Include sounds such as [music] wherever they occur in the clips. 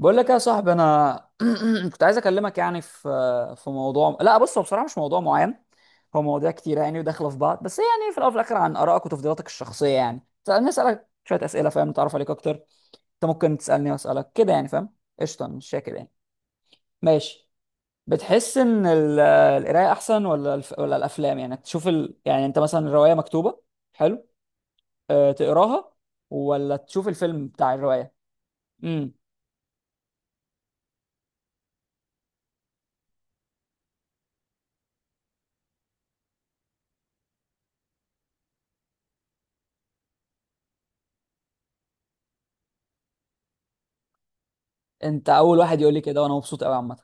بقول لك يا صاحبي انا. [clears throat] كنت عايز اكلمك في موضوع. لا بص، هو بصراحه مش موضوع معين، هو مواضيع كتيره يعني وداخله في بعض، بس يعني في الاول وفي الاخر عن ارائك وتفضيلاتك الشخصيه. يعني سألني اسالك شويه اسئله، فاهم، نتعرف عليك اكتر. انت ممكن تسالني واسالك كده يعني، فاهم؟ قشطه، مش شاكر يعني. ماشي. بتحس ان القرايه احسن ولا ولا الافلام؟ يعني تشوف يعني انت مثلا الروايه مكتوبه، حلو، أه تقراها، ولا تشوف الفيلم بتاع الروايه؟ امم. انت اول واحد يقول لي كده وانا مبسوط قوي عامه.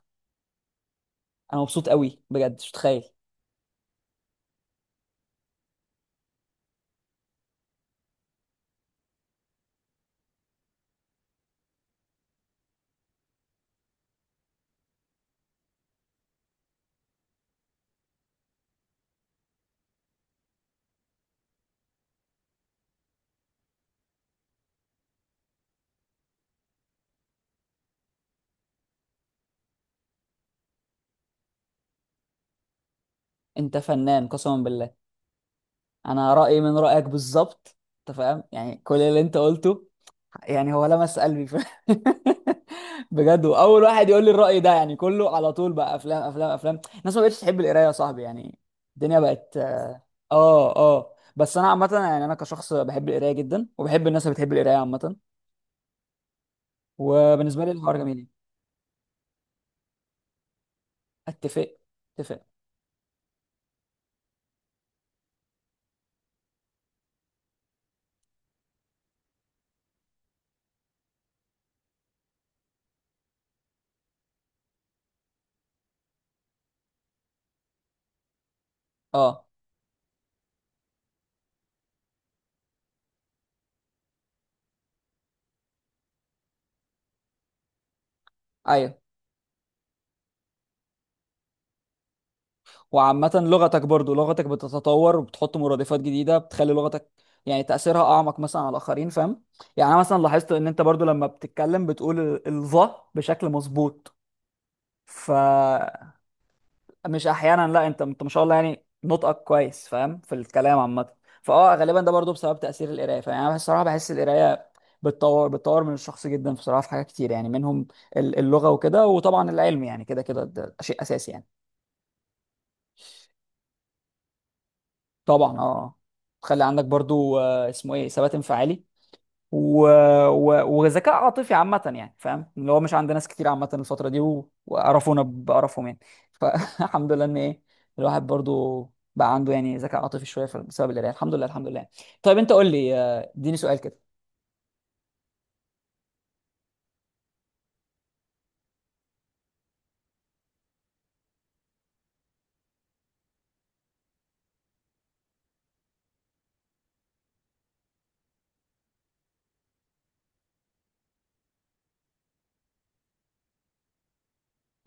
انا مبسوط قوي بجد، مش متخيل. انت فنان قسما بالله. انا رايي من رايك بالظبط، انت فاهم يعني كل اللي انت قلته، يعني هو لمس قلبي [laughs] بجد، واول واحد يقول لي الراي ده. يعني كله على طول بقى افلام افلام افلام، الناس ما بقتش تحب القرايه يا صاحبي يعني. الدنيا بقت. اه اه، بس انا عامه يعني انا كشخص بحب القرايه جدا، وبحب الناس اللي بتحب القرايه عامه. وبالنسبه لي الحوار جميل. اتفق، اتفق. اه. ايوه. وعامة لغتك، برضو لغتك بتتطور وبتحط مرادفات جديدة بتخلي لغتك يعني تأثيرها أعمق مثلا على الآخرين، فاهم؟ يعني أنا مثلا لاحظت إن أنت برضو لما بتتكلم بتقول الظه بشكل مظبوط. فمش أحيانا، لا أنت أنت ما شاء الله يعني نطقك كويس فاهم في الكلام عامة. فأه غالبا ده برضو بسبب تأثير القراية. فيعني أنا بصراحة بحس القراية بتطور، بتطور من الشخص جدا بصراحة، في حاجات كتير يعني منهم اللغة وكده، وطبعا العلم يعني كده كده ده شيء أساسي يعني. طبعا اه. تخلي عندك برضو اسمه ايه، ثبات انفعالي و... وذكاء عاطفي عامة، يعني فاهم اللي هو مش عند ناس كتير عامة الفترة دي، وقرفونا بقرفهم يعني. فالحمد [laughs] لله ان ايه، الواحد برضو بقى عنده يعني ذكاء عاطفي شوية بسبب القراية. الحمد لله، الحمد لله. طيب انت قول لي، اديني سؤال كده.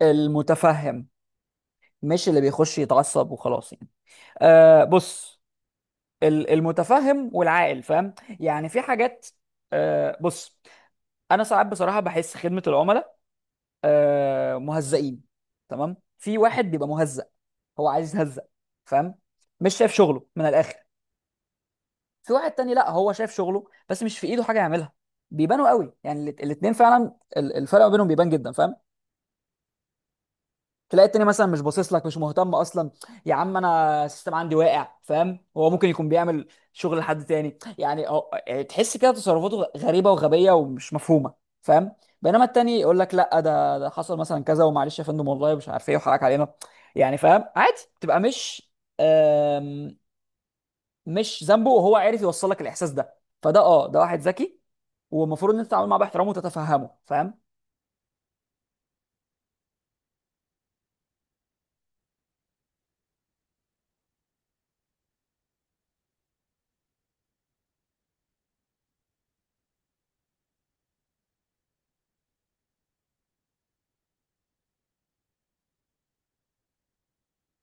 المتفهم، مش اللي بيخش يتعصب وخلاص يعني. أه بص، المتفهم والعاقل، فاهم. يعني في حاجات، أه بص انا ساعات بصراحة بحس خدمة العملاء مهزئين. تمام، في واحد بيبقى مهزأ، هو عايز يتهزأ، فاهم، مش شايف شغله من الاخر. في واحد تاني لا، هو شايف شغله بس مش في ايده حاجه يعملها. بيبانوا قوي يعني الاتنين فعلا، الفرق ما بينهم بيبان جدا فاهم. تلاقي التاني مثلا مش باصص لك، مش مهتم اصلا، يا عم انا السيستم عندي واقع، فاهم، هو ممكن يكون بيعمل شغل لحد تاني، يعني هو يعني تحس كده تصرفاته غريبه وغبيه ومش مفهومه، فاهم. بينما التاني يقول لك لا ده، ده حصل مثلا كذا ومعلش يا فندم والله مش عارف ايه وحقك علينا، يعني فاهم عادي تبقى مش، آم، مش ذنبه، وهو عارف يوصل لك الاحساس ده. فده اه ده واحد ذكي، والمفروض ان انت تتعامل معاه باحترام وتتفهمه، فاهم.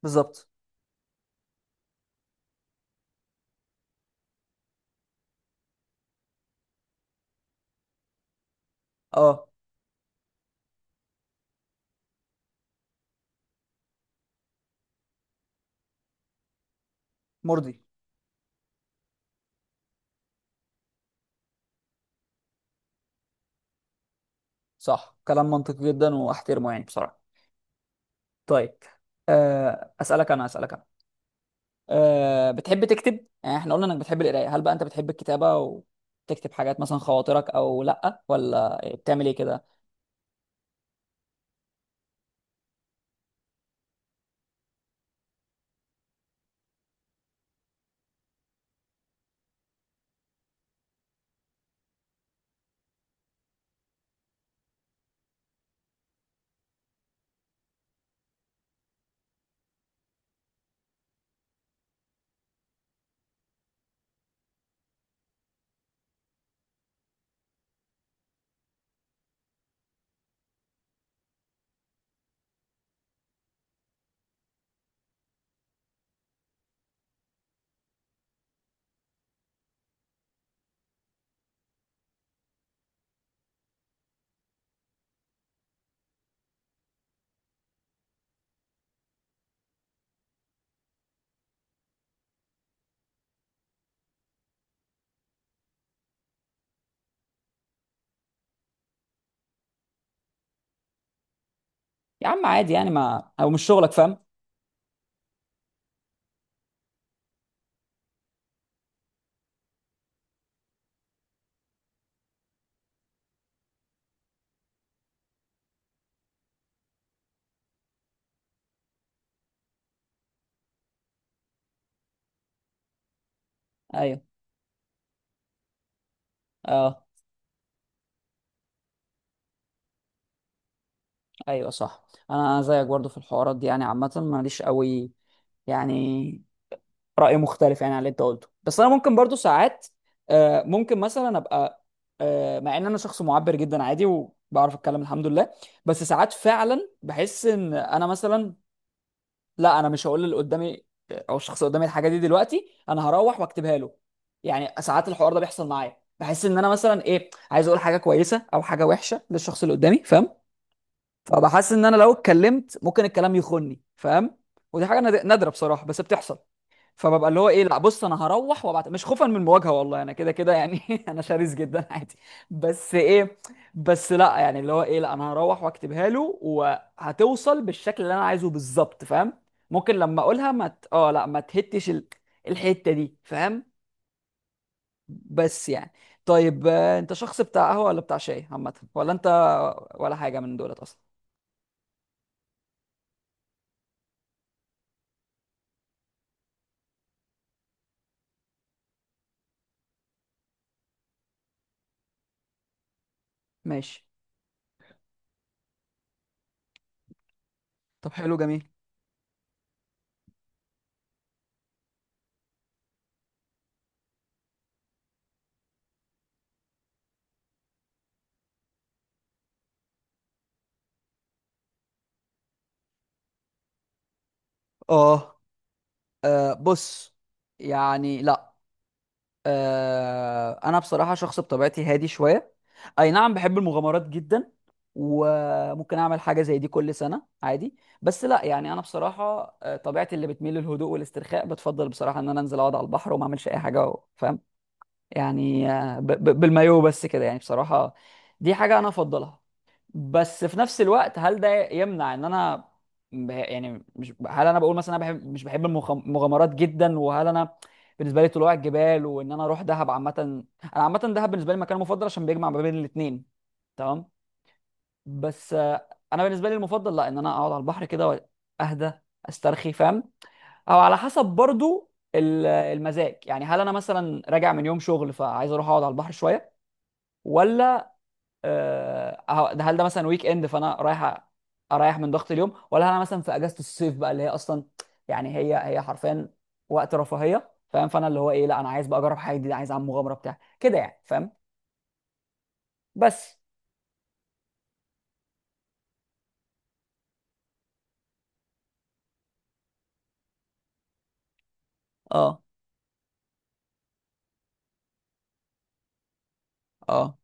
بالظبط. اه. مرضي. صح، كلام منطقي جدا واحترمه يعني بصراحة. طيب، اسألك انا، اسألك انا. أه، بتحب تكتب؟ يعني احنا قلنا انك بتحب القراية، هل بقى انت بتحب الكتابة وتكتب حاجات مثلا خواطرك او لا، ولا بتعمل ايه كده؟ يا عم عادي يعني، ما او مش شغلك فاهم. ايوه. اه. ايوه صح. انا زيك برضه في الحوارات دي، يعني عامة ماليش قوي يعني رأي مختلف يعني عن اللي انت قلته. بس انا ممكن برضو ساعات، ممكن مثلا ابقى، مع ان انا شخص معبر جدا عادي وبعرف اتكلم الحمد لله، بس ساعات فعلا بحس ان انا مثلا، لا انا مش هقول اللي قدامي او الشخص اللي قدامي الحاجه دي دلوقتي، انا هروح واكتبها له. يعني ساعات الحوار ده بيحصل معايا، بحس ان انا مثلا ايه عايز اقول حاجه كويسه او حاجه وحشه للشخص اللي قدامي، فاهم، فبحس ان انا لو اتكلمت ممكن الكلام يخني، فاهم. ودي حاجه نادره بصراحه بس بتحصل. فببقى اللي هو ايه، لا بص انا هروح وابعت، مش خوفا من المواجهه والله، انا كده كده يعني [laughs] انا شرس جدا [laughs] عادي. بس ايه، بس لا يعني اللي هو ايه، لا انا هروح واكتبها له وهتوصل بالشكل اللي انا عايزه بالظبط، فاهم. ممكن لما اقولها ما ت... اه لا ما تهتش الحته دي، فاهم. بس يعني، طيب، انت شخص بتاع قهوه ولا بتاع شاي عامه، ولا انت ولا حاجه من دولت اصلا؟ ماشي. طب حلو جميل. اه. بص، يعني لا، انا بصراحه شخص بطبيعتي هادي شويه. اي نعم بحب المغامرات جدا، وممكن اعمل حاجه زي دي كل سنه عادي، بس لا يعني انا بصراحه، طبيعتي اللي بتميل للهدوء والاسترخاء بتفضل بصراحه ان انا انزل اقعد على البحر وما اعملش اي حاجه فاهم، يعني بالمايو بس كده يعني بصراحه، دي حاجه انا افضلها. بس في نفس الوقت هل ده يمنع ان انا يعني، مش هل انا بقول مثلا انا بحب مش بحب المغامرات جدا، وهل انا، بالنسبه لي طلوع الجبال وان انا اروح دهب عامه، انا عامه دهب بالنسبه لي مكان مفضل عشان بيجمع ما بين الاثنين، تمام. بس انا بالنسبه لي المفضل لا، ان انا اقعد على البحر كده واهدى، استرخي، فاهم. او على حسب برضو المزاج، يعني هل انا مثلا راجع من يوم شغل فعايز اروح اقعد على البحر شويه، ولا هل ده مثلا ويك اند فانا رايح اريح من ضغط اليوم، ولا انا مثلا في اجازه الصيف بقى اللي هي اصلا يعني هي حرفيا وقت رفاهيه، فاهم، فانا اللي هو ايه، لا انا عايز بقى اجرب حاجه جديده، عايز اعمل مغامره بتاع كده يعني، فاهم. بس. اه اه.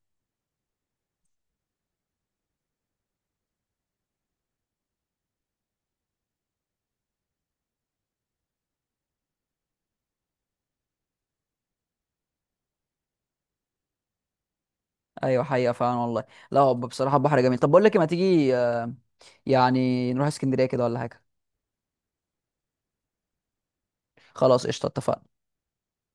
ايوه حقيقه فعلا والله. لا هو بصراحه البحر جميل. طب بقول لك إيه، ما تيجي يعني نروح اسكندريه كده ولا حاجه؟ خلاص، قشطه، اتفقنا.